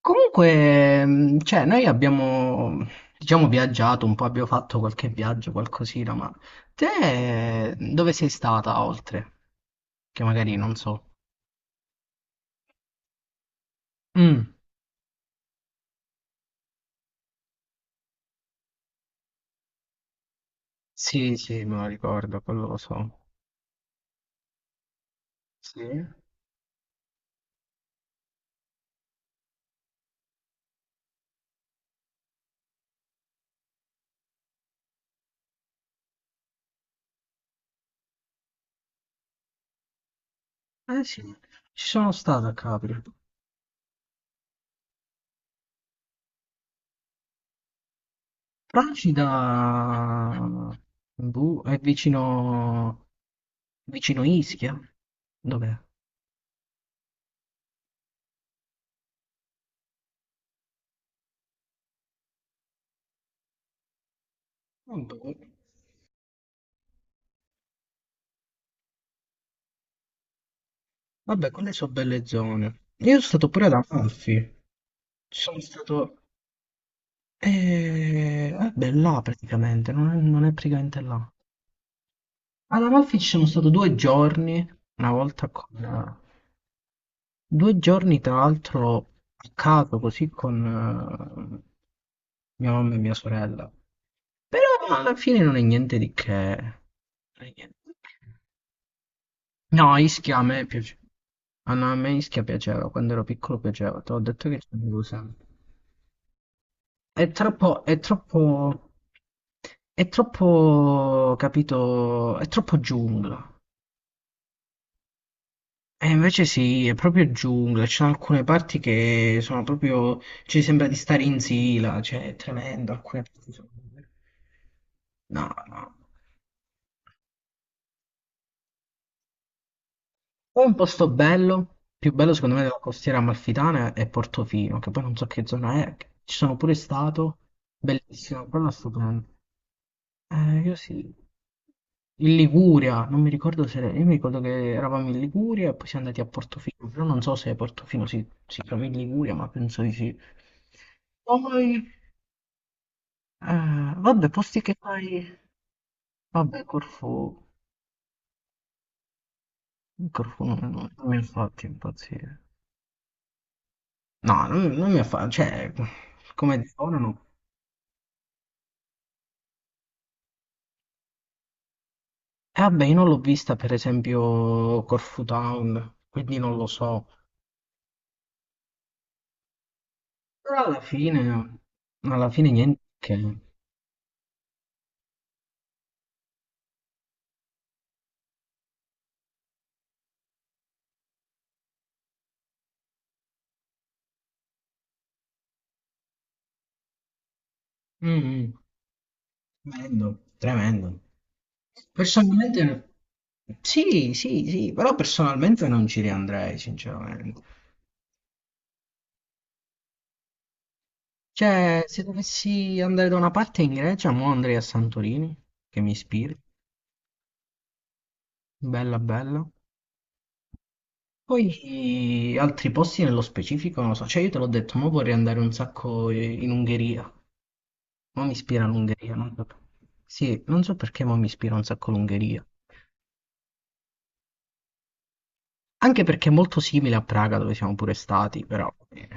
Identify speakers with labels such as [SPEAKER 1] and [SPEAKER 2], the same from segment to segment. [SPEAKER 1] Comunque, cioè, noi abbiamo, diciamo, viaggiato un po', abbiamo fatto qualche viaggio, qualcosina, ma te dove sei stata oltre? Che magari non so. Mm, sì, sì, me lo ricordo, quello lo so. Sì? Eh sì, ci sono stato a Capri. Procida, boh, è vicino, vicino Ischia. Dov'è? Vabbè, vabbè, quelle sono belle zone. Io sono stato pure ad Amalfi. Sono stato... vabbè, là praticamente, non è. Praticamente là. Ad Amalfi ci sono stato due giorni, una volta con... eh, Due giorni tra l'altro a caso, così con mia mamma e mia sorella. Però alla fine non è niente di che. Non è niente di che. No, Ischia a me piace. Ah, no, a me Ischia piaceva, quando ero piccolo piaceva, te l'ho detto che ci andavo sempre. È troppo, è troppo, è troppo, capito, è troppo giungla. E invece sì, è proprio giungla, ci sono alcune parti che sono proprio, ci sembra di stare in Sila, cioè è tremendo. No, no. Poi un posto bello, più bello secondo me della costiera amalfitana è Portofino, che poi non so che zona è, ci sono pure stato, bellissimo, quello è stupendo. Io sì. In Liguria, non mi ricordo se... Io mi ricordo che eravamo in Liguria e poi siamo andati a Portofino, però non so se Portofino si chiama in Liguria, ma penso di sì. Poi, vabbè, posti che fai. Vabbè, Corfu. Corfu non mi ha fatto impazzire. No, non mi ha fatto. Cioè, come zona no. E vabbè, io non l'ho vista, per esempio, Corfu Town, quindi non lo so. Però alla fine. Alla fine niente che. Mh-mh. Tremendo, tremendo. Personalmente sì, sì, sì, però personalmente non ci riandrei sinceramente. Cioè, se dovessi andare da una parte in Grecia, mo andrei a Santorini, che mi ispira, bella bella. Poi altri posti nello specifico non lo so, cioè io te l'ho detto, mo vorrei andare un sacco in Ungheria, mo mi ispira l'Ungheria, non so per- Sì, non so perché mo mi ispira un sacco l'Ungheria. Anche perché è molto simile a Praga dove siamo pure stati, però.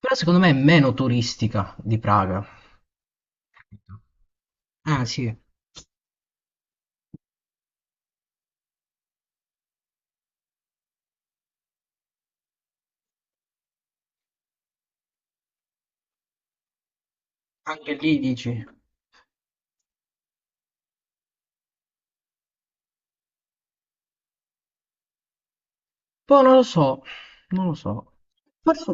[SPEAKER 1] Però secondo me è meno turistica di Praga. Capito? Ah sì, anche lì dici. Poi non lo so, non lo so. Forse.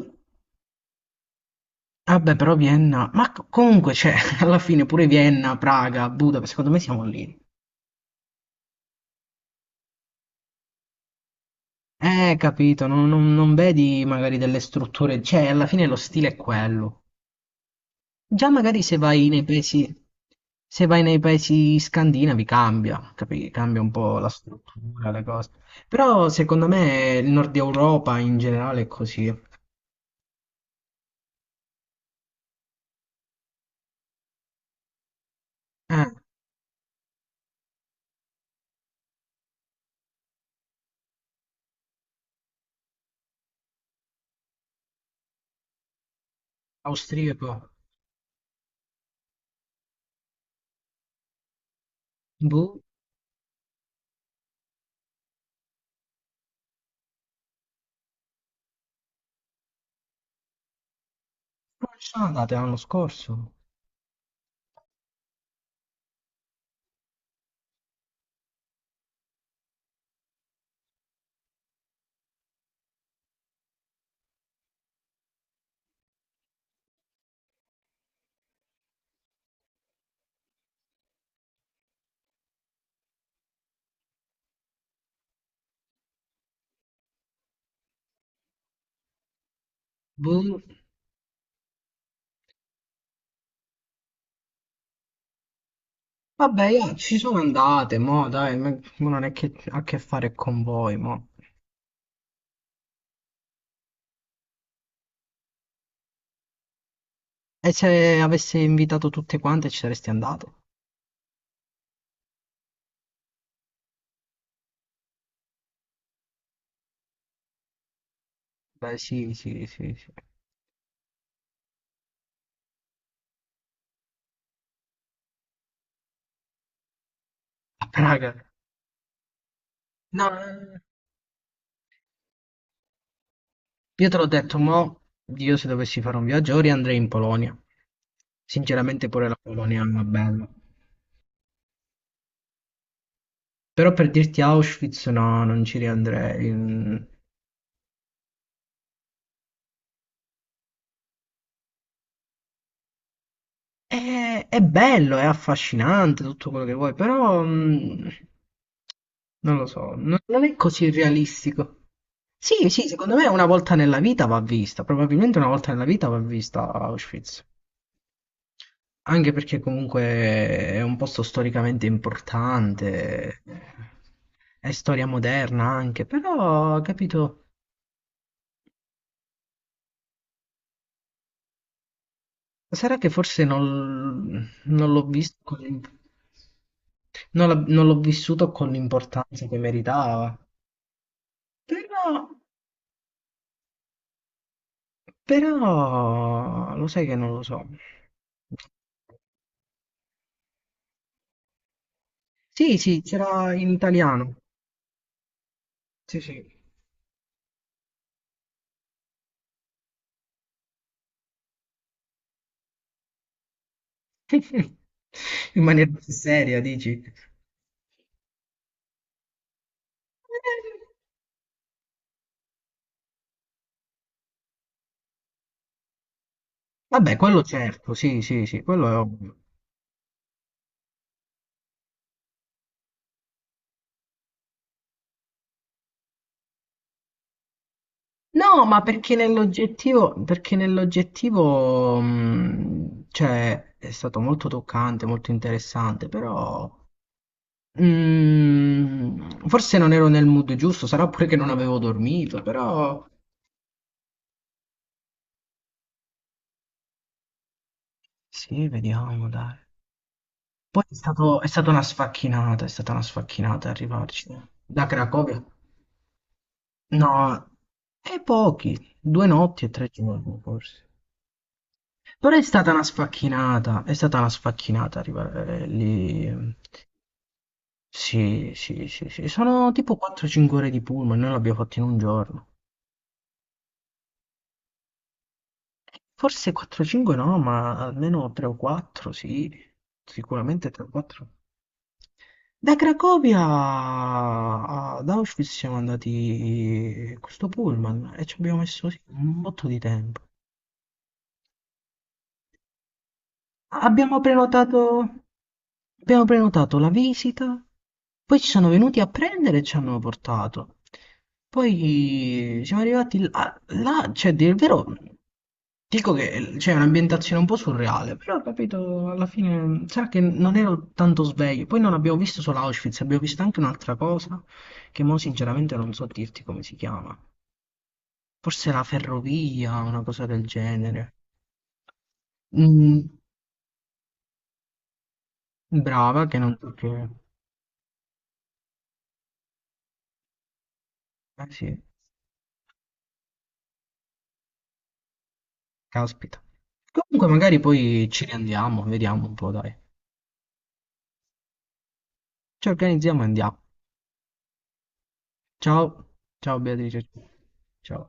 [SPEAKER 1] Vabbè, però Vienna, ma comunque c'è, alla fine pure Vienna, Praga, Budapest, secondo me siamo lì. Capito, non vedi magari delle strutture, cioè alla fine lo stile è quello. Già magari se vai nei paesi scandinavi cambia, capi? Cambia un po' la struttura, le cose. Però secondo me il nord Europa in generale è così. Eh, austriaco. Boh, non ci sono andate l'anno scorso. Boh. Vabbè, io ci sono andate, mo dai, ma non è che ha a che fare con voi, mo. E se avessi invitato tutte quante ci saresti andato? Beh, sì, sì, sì, sì. A Praga. No, io te l'ho detto, mo, io se dovessi fare un viaggio ora andrei in Polonia. Sinceramente pure la Polonia è una bella. Però per dirti Auschwitz no, non ci riandrei. È bello, è affascinante tutto quello che vuoi, però non lo so, non è così realistico. Sì, sì, secondo me una volta nella vita va vista, probabilmente una volta nella vita va vista Auschwitz. Anche perché comunque è un posto storicamente importante, è storia moderna anche, però, capito, sarà che forse non l'ho non l'ho vissuto con l'importanza che meritava. Però, però, lo sai che non lo so. Sì, sì, c'era in italiano. Sì, sì. In maniera più seria, dici? Vabbè, quello certo, sì, sì, sì, quello è ovvio. No, ma perché nell'oggettivo, cioè, è stato molto toccante, molto interessante, però forse non ero nel mood giusto, sarà pure che non avevo dormito, però sì, vediamo, dai. Poi è stata una sfacchinata, è stata una sfacchinata arrivarci. Da Cracovia? No, e pochi, due notti e tre giorni forse. Però è stata una sfacchinata, è stata una sfacchinata arrivare lì. Sì, sì, sì, sì. Sono tipo 4-5 ore di pullman, noi l'abbiamo fatto in un giorno. Forse 4-5 no, ma almeno 3 o 4, sì. Sicuramente 3 o 4. Da Cracovia ad Auschwitz siamo andati con questo pullman e ci abbiamo messo sì, un botto di tempo. Abbiamo prenotato, abbiamo prenotato la visita, poi ci sono venuti a prendere e ci hanno portato. Poi siamo arrivati là, cioè, a dire il vero, dico che c'è un'ambientazione un po' surreale, però capito, alla fine, sarà che non ero tanto sveglio. Poi non abbiamo visto solo Auschwitz, abbiamo visto anche un'altra cosa, che mo sinceramente non so dirti come si chiama. Forse la ferrovia, una cosa del genere. Mm, brava, che non so che. Ah sì, caspita. Comunque magari poi ci riandiamo, vediamo un po', dai. Ci organizziamo e andiamo. Ciao, ciao Beatrice. Ciao.